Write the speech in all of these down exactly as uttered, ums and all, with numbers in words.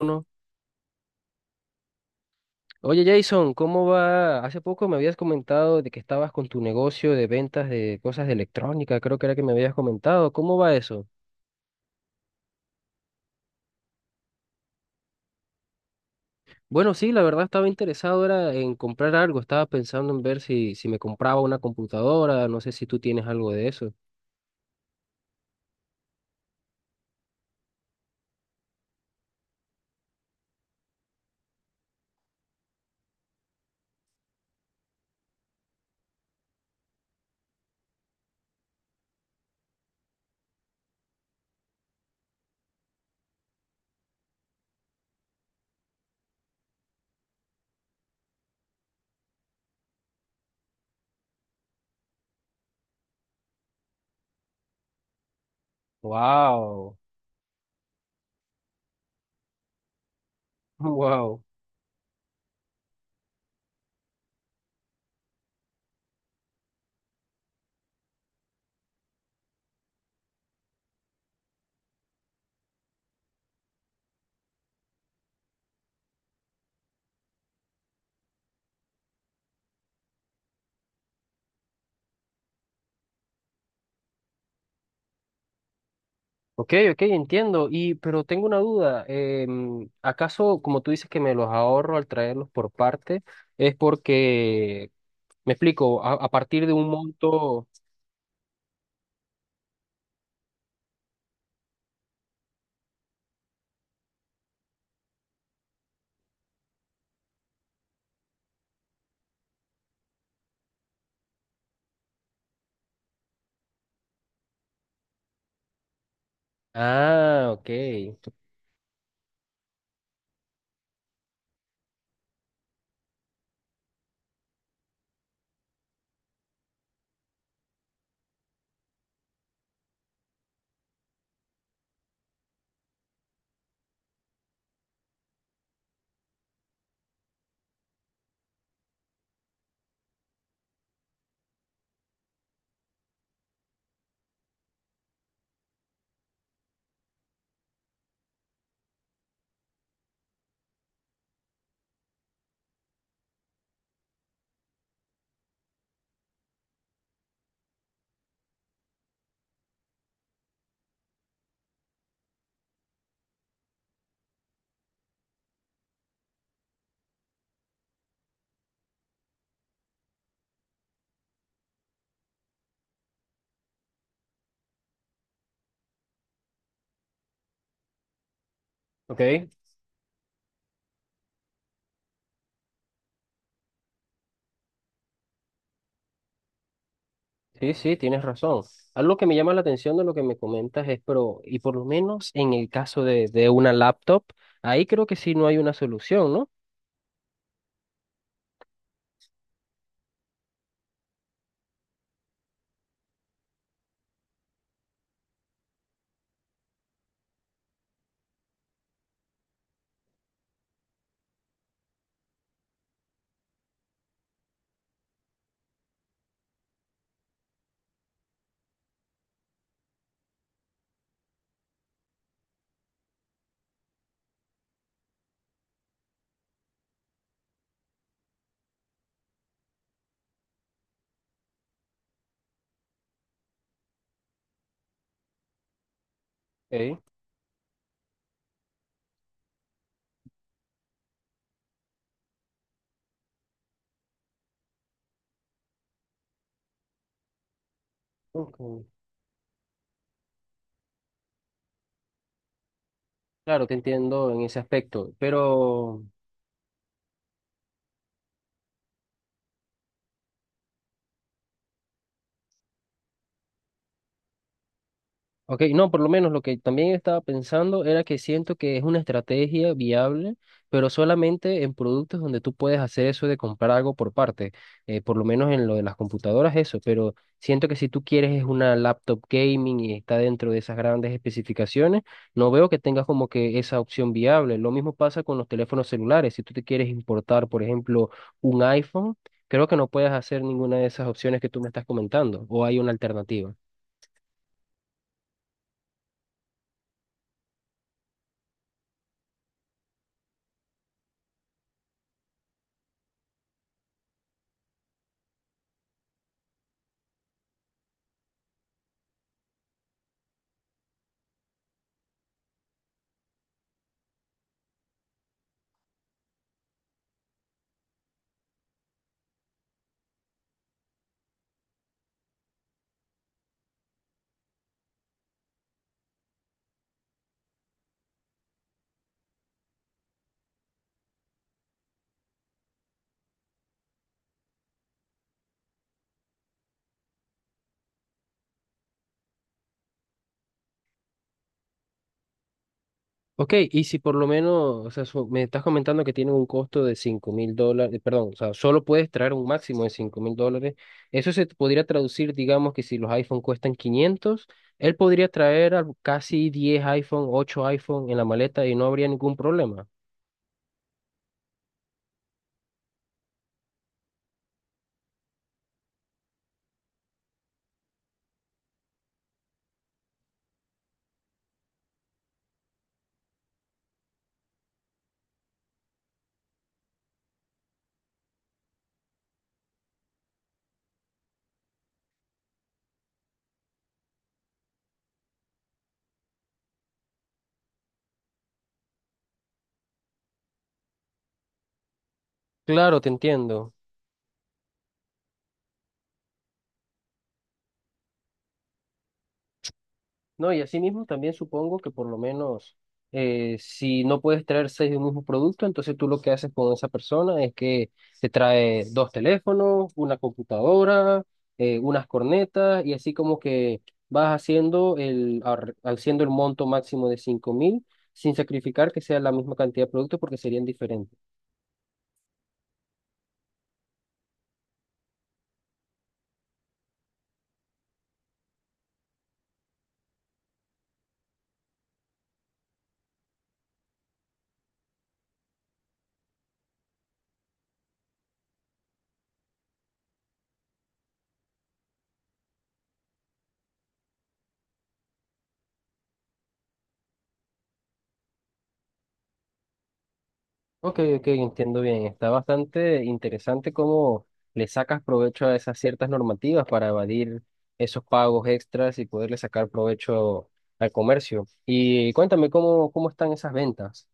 Uno. Oye Jason, ¿cómo va? Hace poco me habías comentado de que estabas con tu negocio de ventas de cosas de electrónica, creo que era que me habías comentado. ¿Cómo va eso? Bueno, sí, la verdad estaba interesado era en comprar algo, estaba pensando en ver si, si me compraba una computadora, no sé si tú tienes algo de eso. Wow, wow. Ok, ok, entiendo. Y pero tengo una duda. Em, ¿acaso, como tú dices que me los ahorro al traerlos por parte, es porque, me explico, a a partir de un monto... Ah, ok. Ok. Sí, sí, tienes razón. Algo que me llama la atención de lo que me comentas es, pero, y por lo menos en el caso de, de una laptop, ahí creo que sí no hay una solución, ¿no? Ok. Ok. Claro, te entiendo en ese aspecto, pero... Ok, no, por lo menos lo que también estaba pensando era que siento que es una estrategia viable, pero solamente en productos donde tú puedes hacer eso de comprar algo por parte, eh, por lo menos en lo de las computadoras, eso, pero siento que si tú quieres es una laptop gaming y está dentro de esas grandes especificaciones, no veo que tengas como que esa opción viable. Lo mismo pasa con los teléfonos celulares, si tú te quieres importar, por ejemplo, un iPhone, creo que no puedes hacer ninguna de esas opciones que tú me estás comentando, o hay una alternativa. Ok, y si por lo menos, o sea, so- me estás comentando que tiene un costo de cinco mil dólares, eh, perdón, o sea, solo puedes traer un máximo de cinco mil dólares. Eso se podría traducir, digamos, que si los iPhone cuestan quinientos, él podría traer al- casi diez iPhone, ocho iPhone en la maleta y no habría ningún problema. Claro, te entiendo. No, y asimismo también supongo que por lo menos eh, si no puedes traer seis de un mismo producto, entonces tú lo que haces con esa persona es que te trae dos teléfonos, una computadora, eh, unas cornetas y así como que vas haciendo el, ar- haciendo el monto máximo de cinco mil sin sacrificar que sea la misma cantidad de productos porque serían diferentes. Ok, ok, entiendo bien. Está bastante interesante cómo le sacas provecho a esas ciertas normativas para evadir esos pagos extras y poderle sacar provecho al comercio. Y cuéntame cómo, cómo están esas ventas.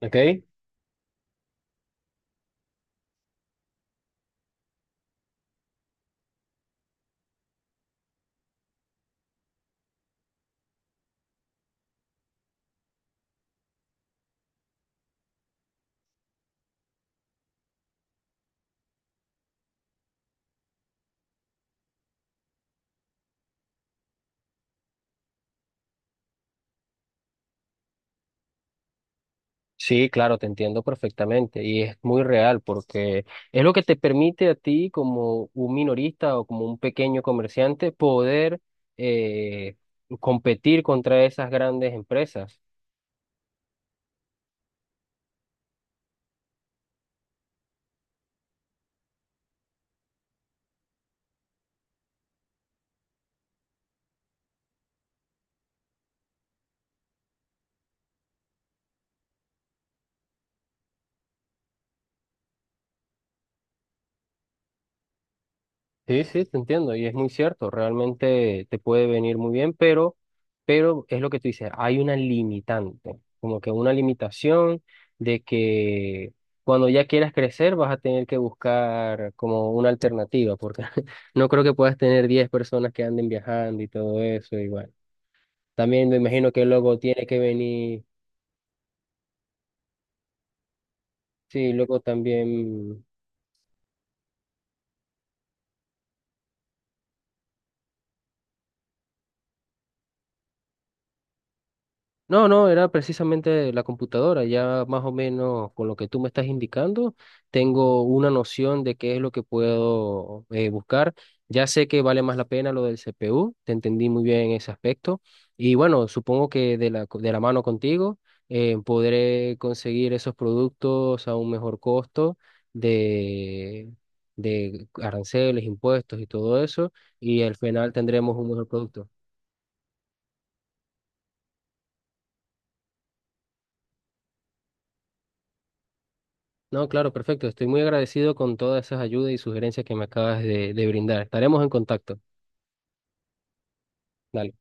¿Ok? Sí, claro, te entiendo perfectamente y es muy real porque es lo que te permite a ti como un minorista o como un pequeño comerciante poder eh, competir contra esas grandes empresas. Sí, sí, te entiendo y es muy cierto, realmente te puede venir muy bien, pero, pero, es lo que tú dices, hay una limitante, como que una limitación de que cuando ya quieras crecer vas a tener que buscar como una alternativa, porque no creo que puedas tener diez personas que anden viajando y todo eso, igual. También me imagino que luego tiene que venir, sí, luego también. No, no, era precisamente la computadora. Ya más o menos con lo que tú me estás indicando, tengo una noción de qué es lo que puedo eh, buscar. Ya sé que vale más la pena lo del C P U, te entendí muy bien en ese aspecto. Y bueno, supongo que de la, co- de la mano contigo eh, podré conseguir esos productos a un mejor costo de, de aranceles, impuestos y todo eso. Y al final tendremos un mejor producto. No, claro, perfecto. Estoy muy agradecido con todas esas ayudas y sugerencias que me acabas de, de brindar. Estaremos en contacto. Dale.